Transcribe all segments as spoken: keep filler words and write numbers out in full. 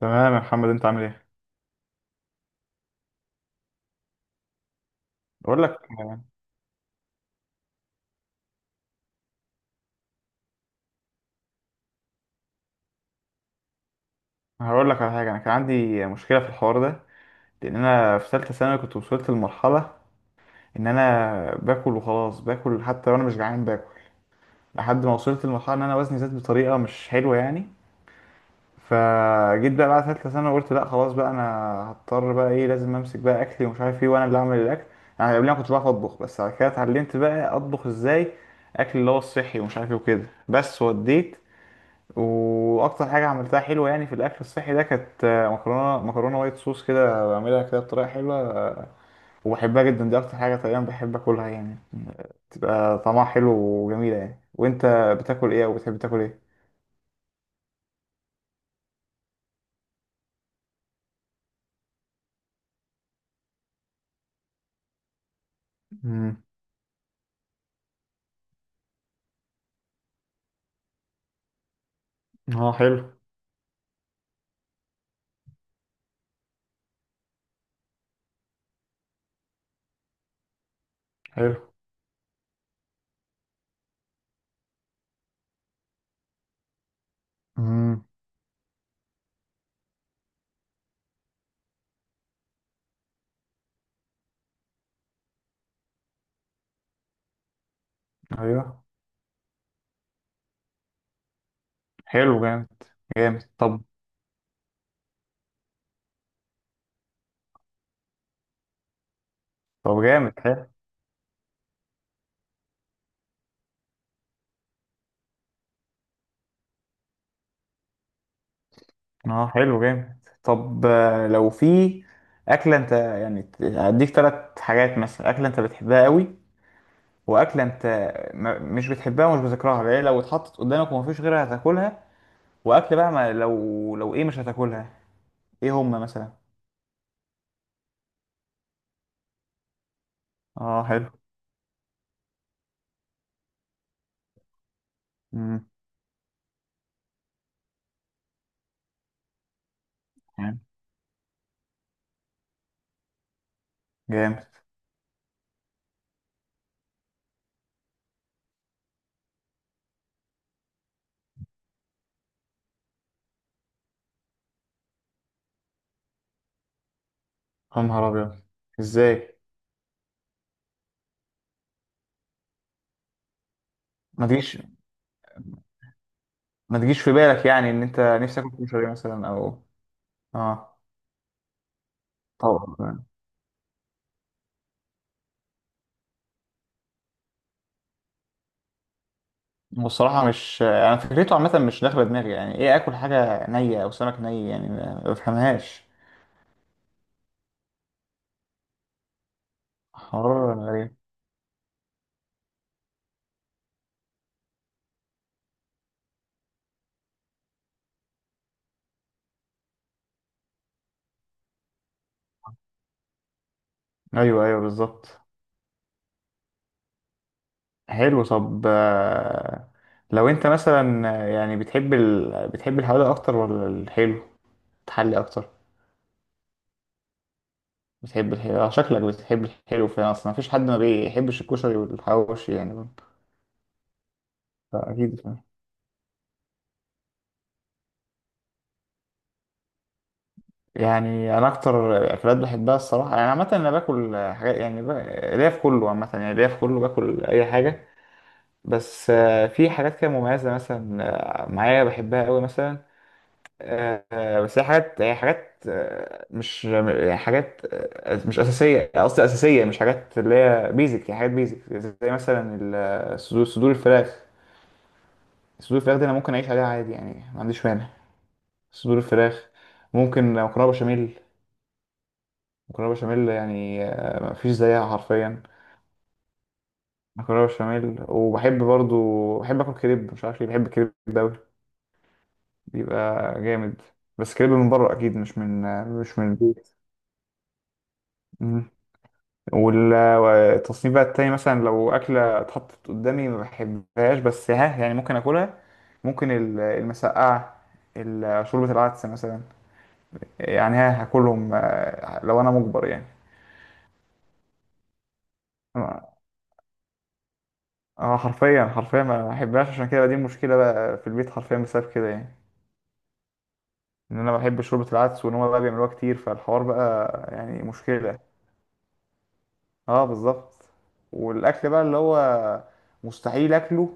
تمام يا محمد، انت عامل ايه؟ بقول لك هقول لك على حاجه. انا كان عندي مشكله في الحوار ده، لان انا في ثالثه ثانوي كنت وصلت لمرحله ان انا باكل وخلاص، باكل حتى وانا مش جعان، باكل لحد ما وصلت لمرحله ان انا وزني زاد بطريقه مش حلوه يعني. فجيت بقى بعد ثالثه ثانوي قلت لا خلاص بقى، انا هضطر بقى ايه، لازم امسك بقى اكلي ومش عارف ايه، وانا اللي اعمل الاكل يعني. قبل ما كنت بعرف اطبخ، بس بعد كده اتعلمت بقى اطبخ ازاي اكل اللي هو الصحي ومش عارف ايه وكده، بس وديت. واكتر حاجه عملتها حلوه يعني في الاكل الصحي ده كانت آه، مكرونه مكرونه وايت صوص، كده بعملها كده بطريقه حلوه وبحبها جدا. دي اكتر حاجه تقريبا بحب اكلها يعني، تبقى طعمها حلو وجميله يعني. وانت بتاكل ايه او بتحب تاكل ايه؟ امم. اه، حلو. حلو. امم. ايوه. حلو، جامد جامد طب. طب جامد حلو. اه حلو جامد. طب، آه، لو في اكله، انت يعني ت- هديك ثلاث حاجات مثلا، اكله انت بتحبها قوي، واكله انت ما- مش بتحبها ومش بذكرها ليه، لو اتحطت قدامك ومفيش غيرها هتاكلها، واكله بقى ما لو لو ايه مش هتاكلها. ايه هما مثلا؟ اه، حلو. امم. جامد. يا نهار ابيض! ازاي؟ ما تجيش ما تجيش في بالك يعني ان انت نفسك تاكل كشري مثلا او... اه. طبعا. والصراحه مش، انا فكرته عامه مش داخله دماغي يعني، ايه اكل حاجه نيه او سمك ني يعني ما ما بفهمهاش. حوار غريب. ايوه، ايوه، بالظبط. حلو. طب، آه، لو انت مثلا آه، يعني بتحب ال... بتحب الحوادق اكتر ولا الحلو، تحلي اكتر؟ بتحب الحلو، آه، شكلك بتحب الحلو فعلا، اصلا مفيش حد ما بيحبش الكشري والحواوشي يعني. اكيد. يعني انا اكتر اكلات بحبها الصراحه يعني عامه، انا باكل حاجات يعني ب... ليا في كله عامه يعني، ليا في كله، باكل اي حاجه. بس آه، في حاجات كده مميزه مثلا، آه، معايا بحبها قوي مثلا. آه، بس هي حاجات، هي حاجات آه، مش يعني حاجات آه، مش أساسية. قصدي أساسية، مش حاجات اللي هي بيزك، هي حاجات بيزك زي مثلا ال- آه، صدور صدور الفراخ. صدور الفراخ دي أنا ممكن أعيش عليها عادي يعني، ما عنديش مانع. صدور الفراخ. ممكن مكرونة بشاميل. مكرونة بشاميل يعني آه، ما فيش زيها حرفيا. مكرونة بشاميل. وبحب برضو بحب آكل كريب، مش عارف ليه بحب الكريب ده أوي، بيبقى جامد. بس كريب من بره أكيد، مش من آه، مش من البيت. والتصنيف بقى التاني مثلا، لو أكلة اتحطت قدامي ما بحبهاش بس ها يعني ممكن أكلها. ممكن ال- المسقعة، ال- شوربة العدس مثلا، يعني ها هاكلهم آه، لو أنا مجبر يعني. اه، حرفيا حرفيا ما بحبهاش، عشان كده دي المشكلة بقى في البيت حرفيا، بسبب كده يعني، إن أنا بحب شوربة العدس وإن هما بقى بيعملوها كتير، فالحوار بقى يعني مشكلة. اه، بالظبط. والاكل بقى اللي هو مستحيل اكله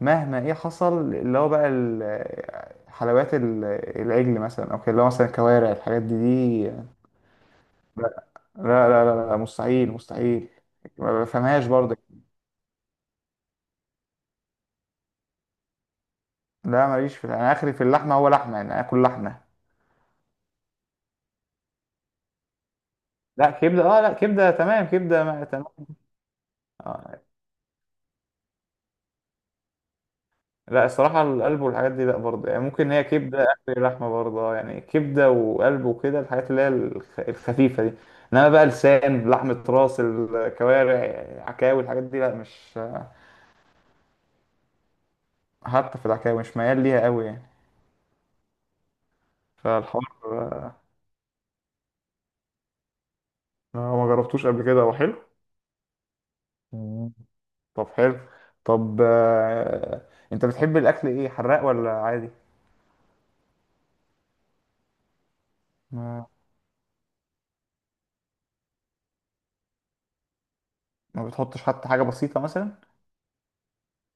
مهما ايه حصل، اللي هو بقى ال- حلويات، ال- العجل مثلا او كده، اللي هو مثلا الكوارع، الحاجات دي دي. لا. لا، لا، لا، لا، مستحيل مستحيل. ما بفهمهاش برضه. لا، ماليش في، انا اخري في اللحمه، هو لحمه يعني، اكل لحمه. لا، كبده، اه لا، كبده تمام، كبده، ما تمام. لا، الصراحة القلب والحاجات دي لا، برضه يعني، ممكن هي كبدة آخر لحمة برضه، آه، يعني كبدة وقلب وكده، الحاجات اللي هي الخ- الخفيفة دي. إنما بقى لسان، لحمة راس، الكوارع، عكاوي، الحاجات دي لا، مش... حتى في العكاوي مش ميال ليها قوي يعني. فالحوار آه، آه، ما جربتوش قبل كده، هو حلو؟ مم. طب حلو. طب، آه، انت بتحب الاكل ايه، حراق ولا عادي؟ ما ما بتحطش حتى حاجه بسيطه مثلا؟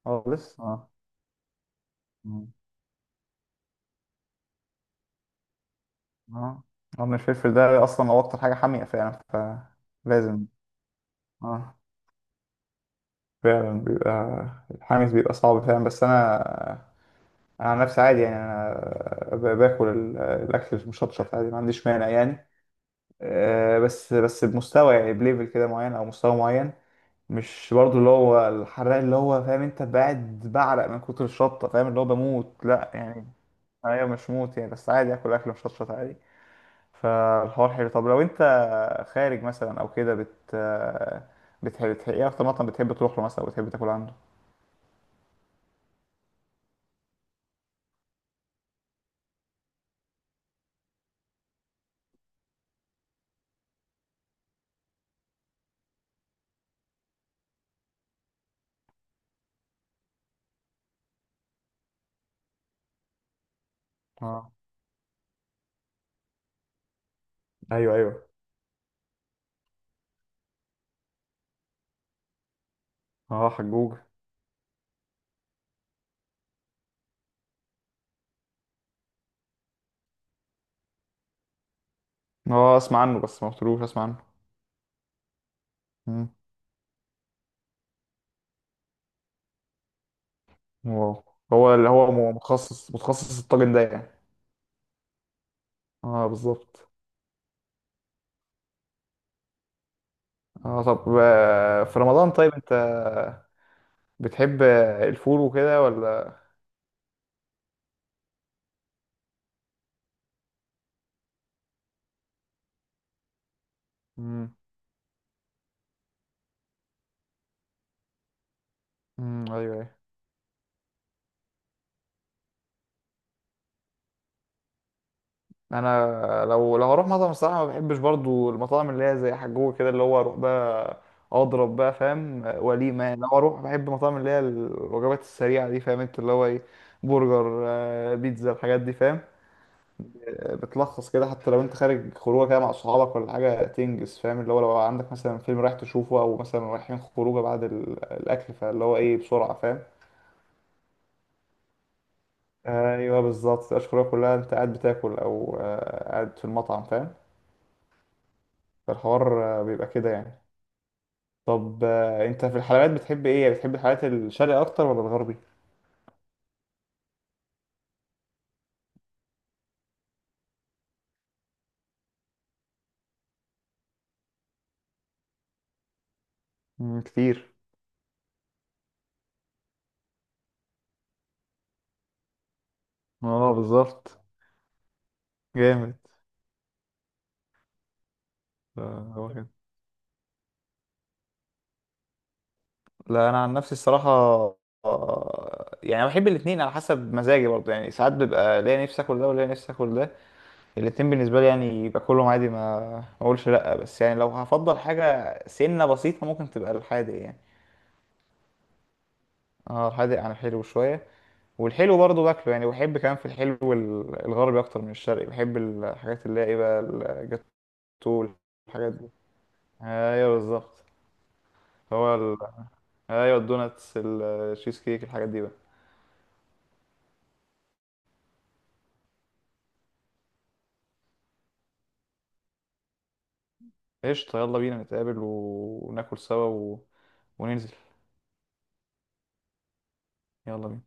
خالص اه. مم. اه، لأن الفلفل ده اصلا هو اكتر حاجه حاميه فعلا، فلازم. اه، فعلا بيبقى الحامس بيبقى صعب فعلا، بس انا، انا عن نفسي عادي يعني، انا ب- باكل ال- الاكل المشطشط عادي، ما عنديش مانع يعني. آه، بس بس بمستوى يعني، بليفل كده معين او مستوى معين. مش برضو اللي هو الحراق اللي هو، فاهم انت، بعد بعرق من كتر الشطه، فاهم، اللي هو بموت، لا يعني. ايوه، مش موت يعني، بس عادي اكل اكل مشطشط عادي. فالحوار حلو. طب لو انت خارج مثلا او كده، بت بتحب بتحب ايه اكتر مطعم بتحب تروح له مثلا او بتحب تاكل عنده؟ اه. ايوه، ايوه. اه، حجوج. اه، اسمع عنه بس ما قلتلوش اسمع عنه. مم. واو. هو اللي هو م- متخصص متخصص الطاجن ده يعني؟ اه، بالظبط. اه، طب آه، في رمضان طيب، انت بتحب الفول وكده ولا؟ مم. مم، ايوه، أيوة. انا لو لو اروح مطعم، الصراحه ما بحبش برضو المطاعم اللي هي زي حجوه كده، اللي هو اروح بقى اضرب بقى، فاهم، وليمه يعني. لو اروح، بحب المطاعم اللي هي الوجبات السريعه دي، فاهم انت، اللي هو ايه، برجر، آه، بيتزا الحاجات دي، فاهم. آه، بتلخص كده، حتى لو انت خارج خروجه كده مع صحابك ولا حاجه تنجز، فاهم، اللي هو لو عندك مثلا فيلم رايح تشوفه، او مثلا رايحين خروجه بعد ال- الاكل، فاللي هو ايه، بسرعه، فاهم. ايوه، بالظبط. مبتبقاش خروجه كلها انت قاعد بتاكل او آه، قاعد في المطعم، فاهم. فالحوار آه، بيبقى كده يعني. طب، آه، انت في الحلويات بتحب ايه، بتحب الحلويات الشرقي اكتر ولا الغربي؟ مم، كتير. اه، بالظبط. جامد. آه، هو كده. لا، انا عن نفسي الصراحه آه، يعني بحب الاثنين على حسب مزاجي برضه يعني، ساعات بيبقى ليا نفسي اكل ده وليا نفسي اكل ده. الاثنين بالنسبه لي يعني باكلهم عادي، ما ما اقولش لا، بس يعني لو هفضل حاجه سنه بسيطه ممكن تبقى الحادق يعني. اه، الحادق عن الحلو شويه. والحلو برضه باكله يعني، بحب كمان في الحلو ال- الغربي اكتر من الشرقي، بحب الحاجات اللي هي ايه بقى. طول. الحاجات دي. ايوه، بالظبط. هو ال... ايوه الدوناتس، الشيز كيك، الحاجات دي بقى. قشطة، يلا بينا نتقابل وناكل سوا و... وننزل. يلا بينا.